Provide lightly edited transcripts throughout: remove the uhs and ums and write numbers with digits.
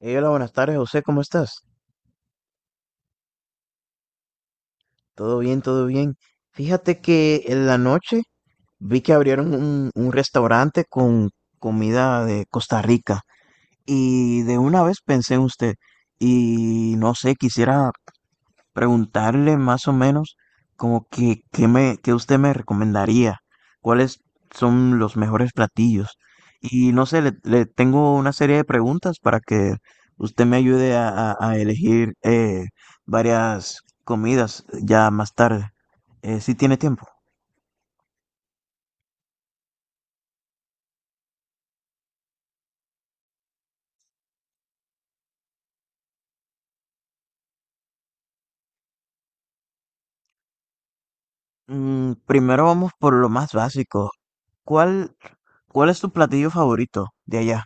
Hola, buenas tardes, José, ¿cómo estás? Todo bien, todo bien. Fíjate que en la noche vi que abrieron un restaurante con comida de Costa Rica y de una vez pensé en usted y no sé, quisiera preguntarle más o menos como que usted me recomendaría, cuáles son los mejores platillos. Y no sé, le tengo una serie de preguntas para que usted me ayude a elegir varias comidas ya más tarde, si tiene tiempo. Mm, primero vamos por lo más básico. ¿Cuál, cuál es tu platillo favorito de allá?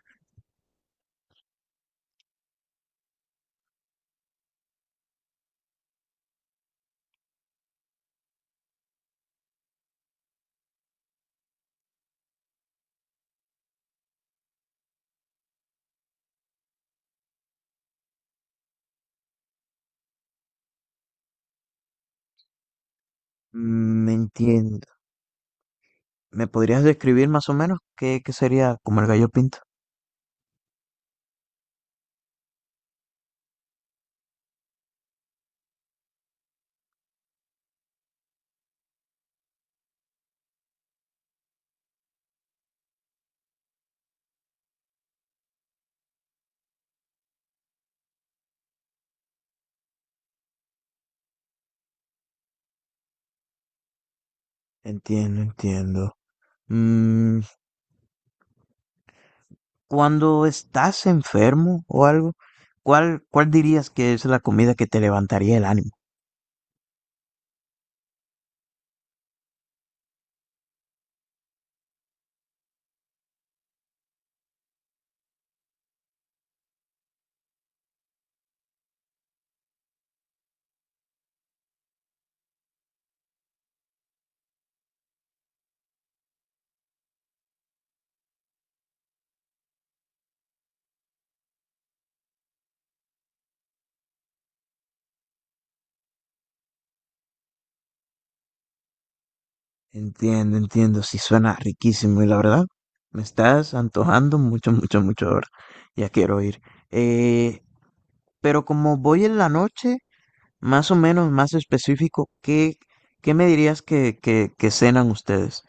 Mm, me entiendo. ¿Me podrías describir más o menos qué, qué sería como el gallo pinto? Entiendo, entiendo. Mm, cuando estás enfermo o algo, ¿cuál dirías que es la comida que te levantaría el ánimo? Entiendo, entiendo, sí suena riquísimo y la verdad, me estás antojando mucho, mucho, mucho ahora. Ya quiero ir. Eh, pero como voy en la noche, más o menos, más específico, ¿qué me dirías que cenan ustedes?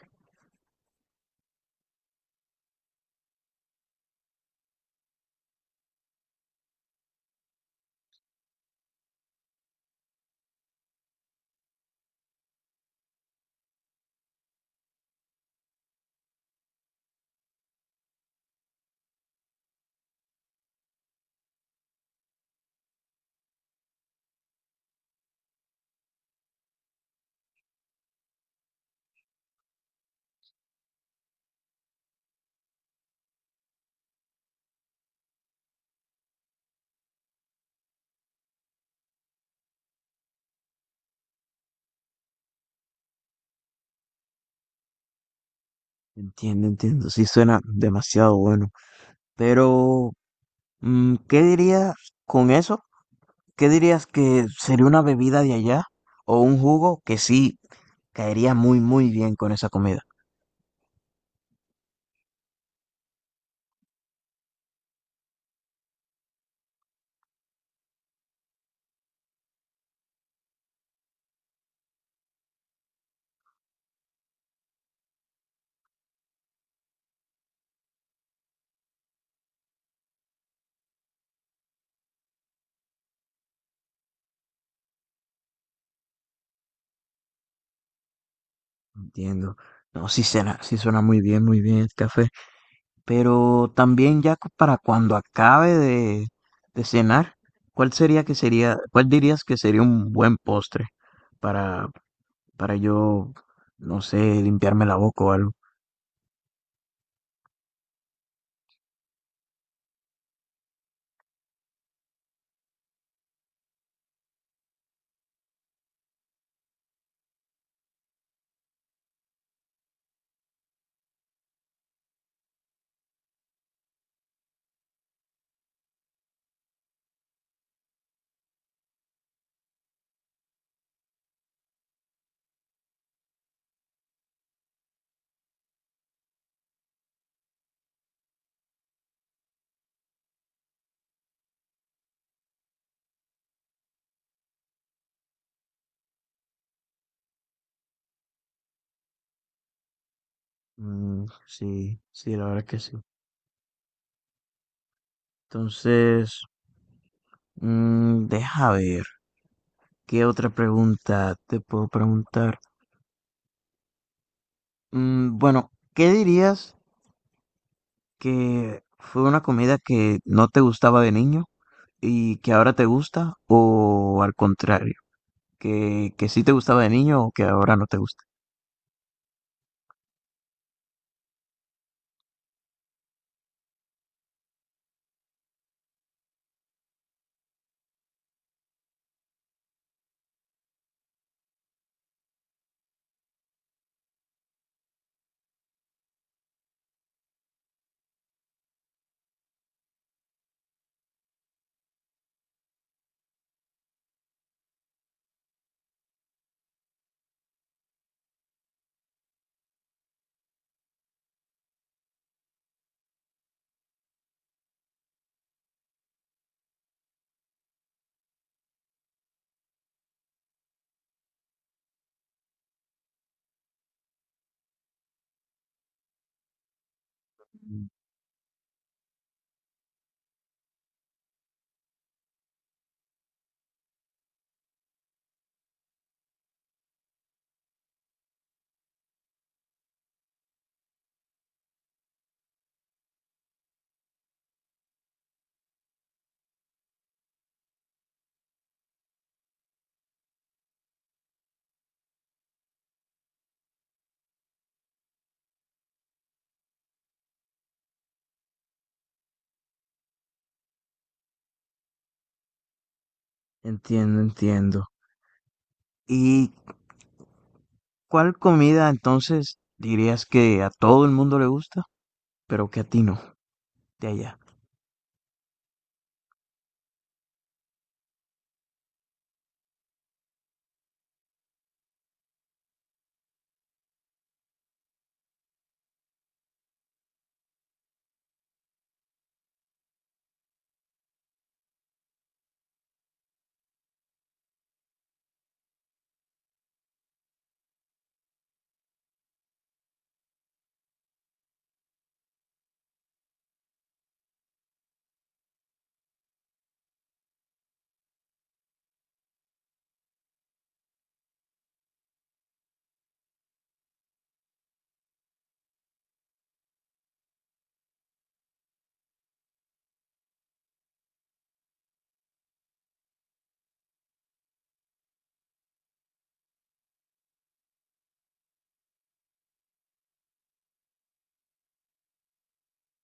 Entiendo, entiendo, sí suena demasiado bueno. Pero, mm, ¿qué dirías con eso? ¿Qué dirías que sería una bebida de allá o un jugo que sí caería muy, muy bien con esa comida? Entiendo. No, sí suena muy bien el café. Pero también ya cu- para cuando acabe de cenar, ¿cuál sería que sería, cuál dirías que sería un buen postre para, para yo, no sé, limpiarme la boca o algo? Mm, sí, sí, la verdad que sí. Entonces, mm, deja ver, ¿qué otra pregunta te puedo preguntar? Mm, bueno, ¿qué dirías que fue una comida que no te gustaba de niño y que ahora te gusta? ¿O al contrario, que sí te gustaba de niño o que ahora no te gusta? Mm, entiendo, entiendo. ¿Y cuál comida entonces dirías que a todo el mundo le gusta, pero que a ti no, de allá?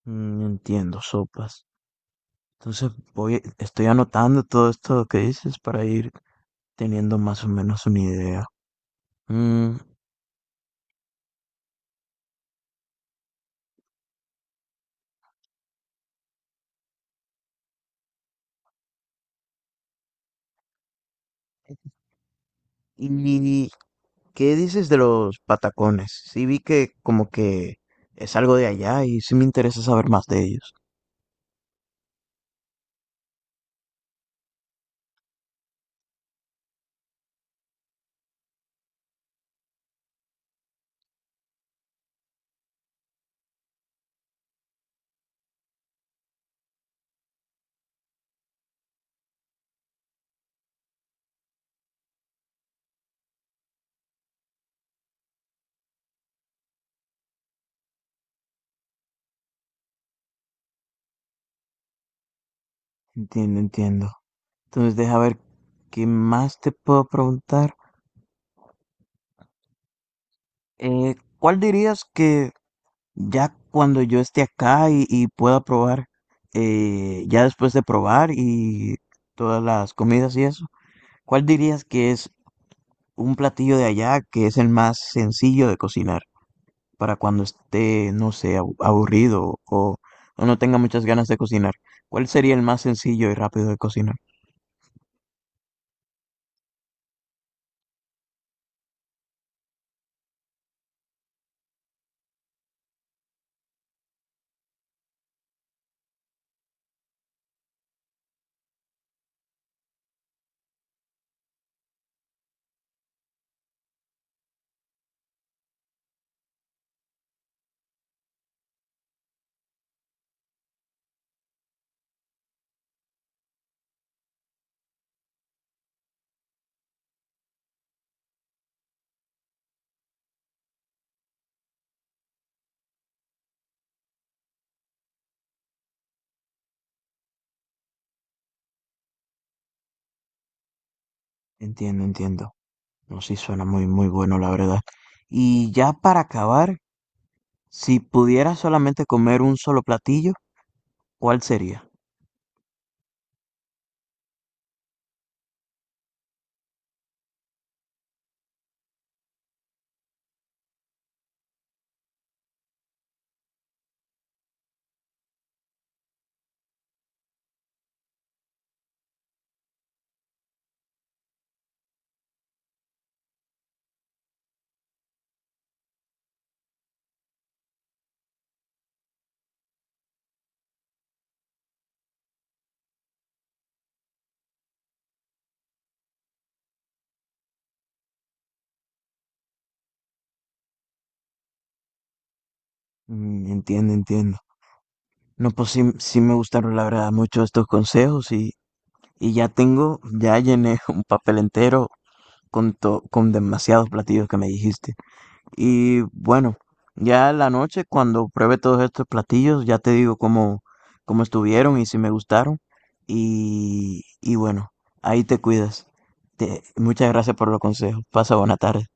Mm, entiendo, sopas. Entonces voy, estoy anotando todo esto que dices para ir teniendo más o menos una idea. Mm, ¿y qué dices de los patacones? Sí vi que como que es algo de allá y sí me interesa saber más de ellos. Entiendo, entiendo. Entonces deja ver qué más te puedo preguntar. ¿Cuál dirías que ya cuando yo esté acá y pueda probar, ya después de probar y todas las comidas y eso, ¿cuál dirías que es un platillo de allá que es el más sencillo de cocinar para cuando esté, no sé, abu- aburrido o no tenga muchas ganas de cocinar? ¿Cuál sería el más sencillo y rápido de cocinar? Entiendo, entiendo. No, sí, suena muy, muy bueno, la verdad. Y ya para acabar, si pudieras solamente comer un solo platillo, ¿cuál sería? Mm, entiendo, entiendo. No, pues sí, sí me gustaron, la verdad, mucho estos consejos. Y ya tengo, ya llené un papel entero con, to- con demasiados platillos que me dijiste. Y bueno, ya en la noche, cuando pruebe todos estos platillos, ya te digo cómo, cómo estuvieron y si me gustaron. Y bueno, ahí te cuidas. Te- muchas gracias por los consejos. Pasa buena tarde.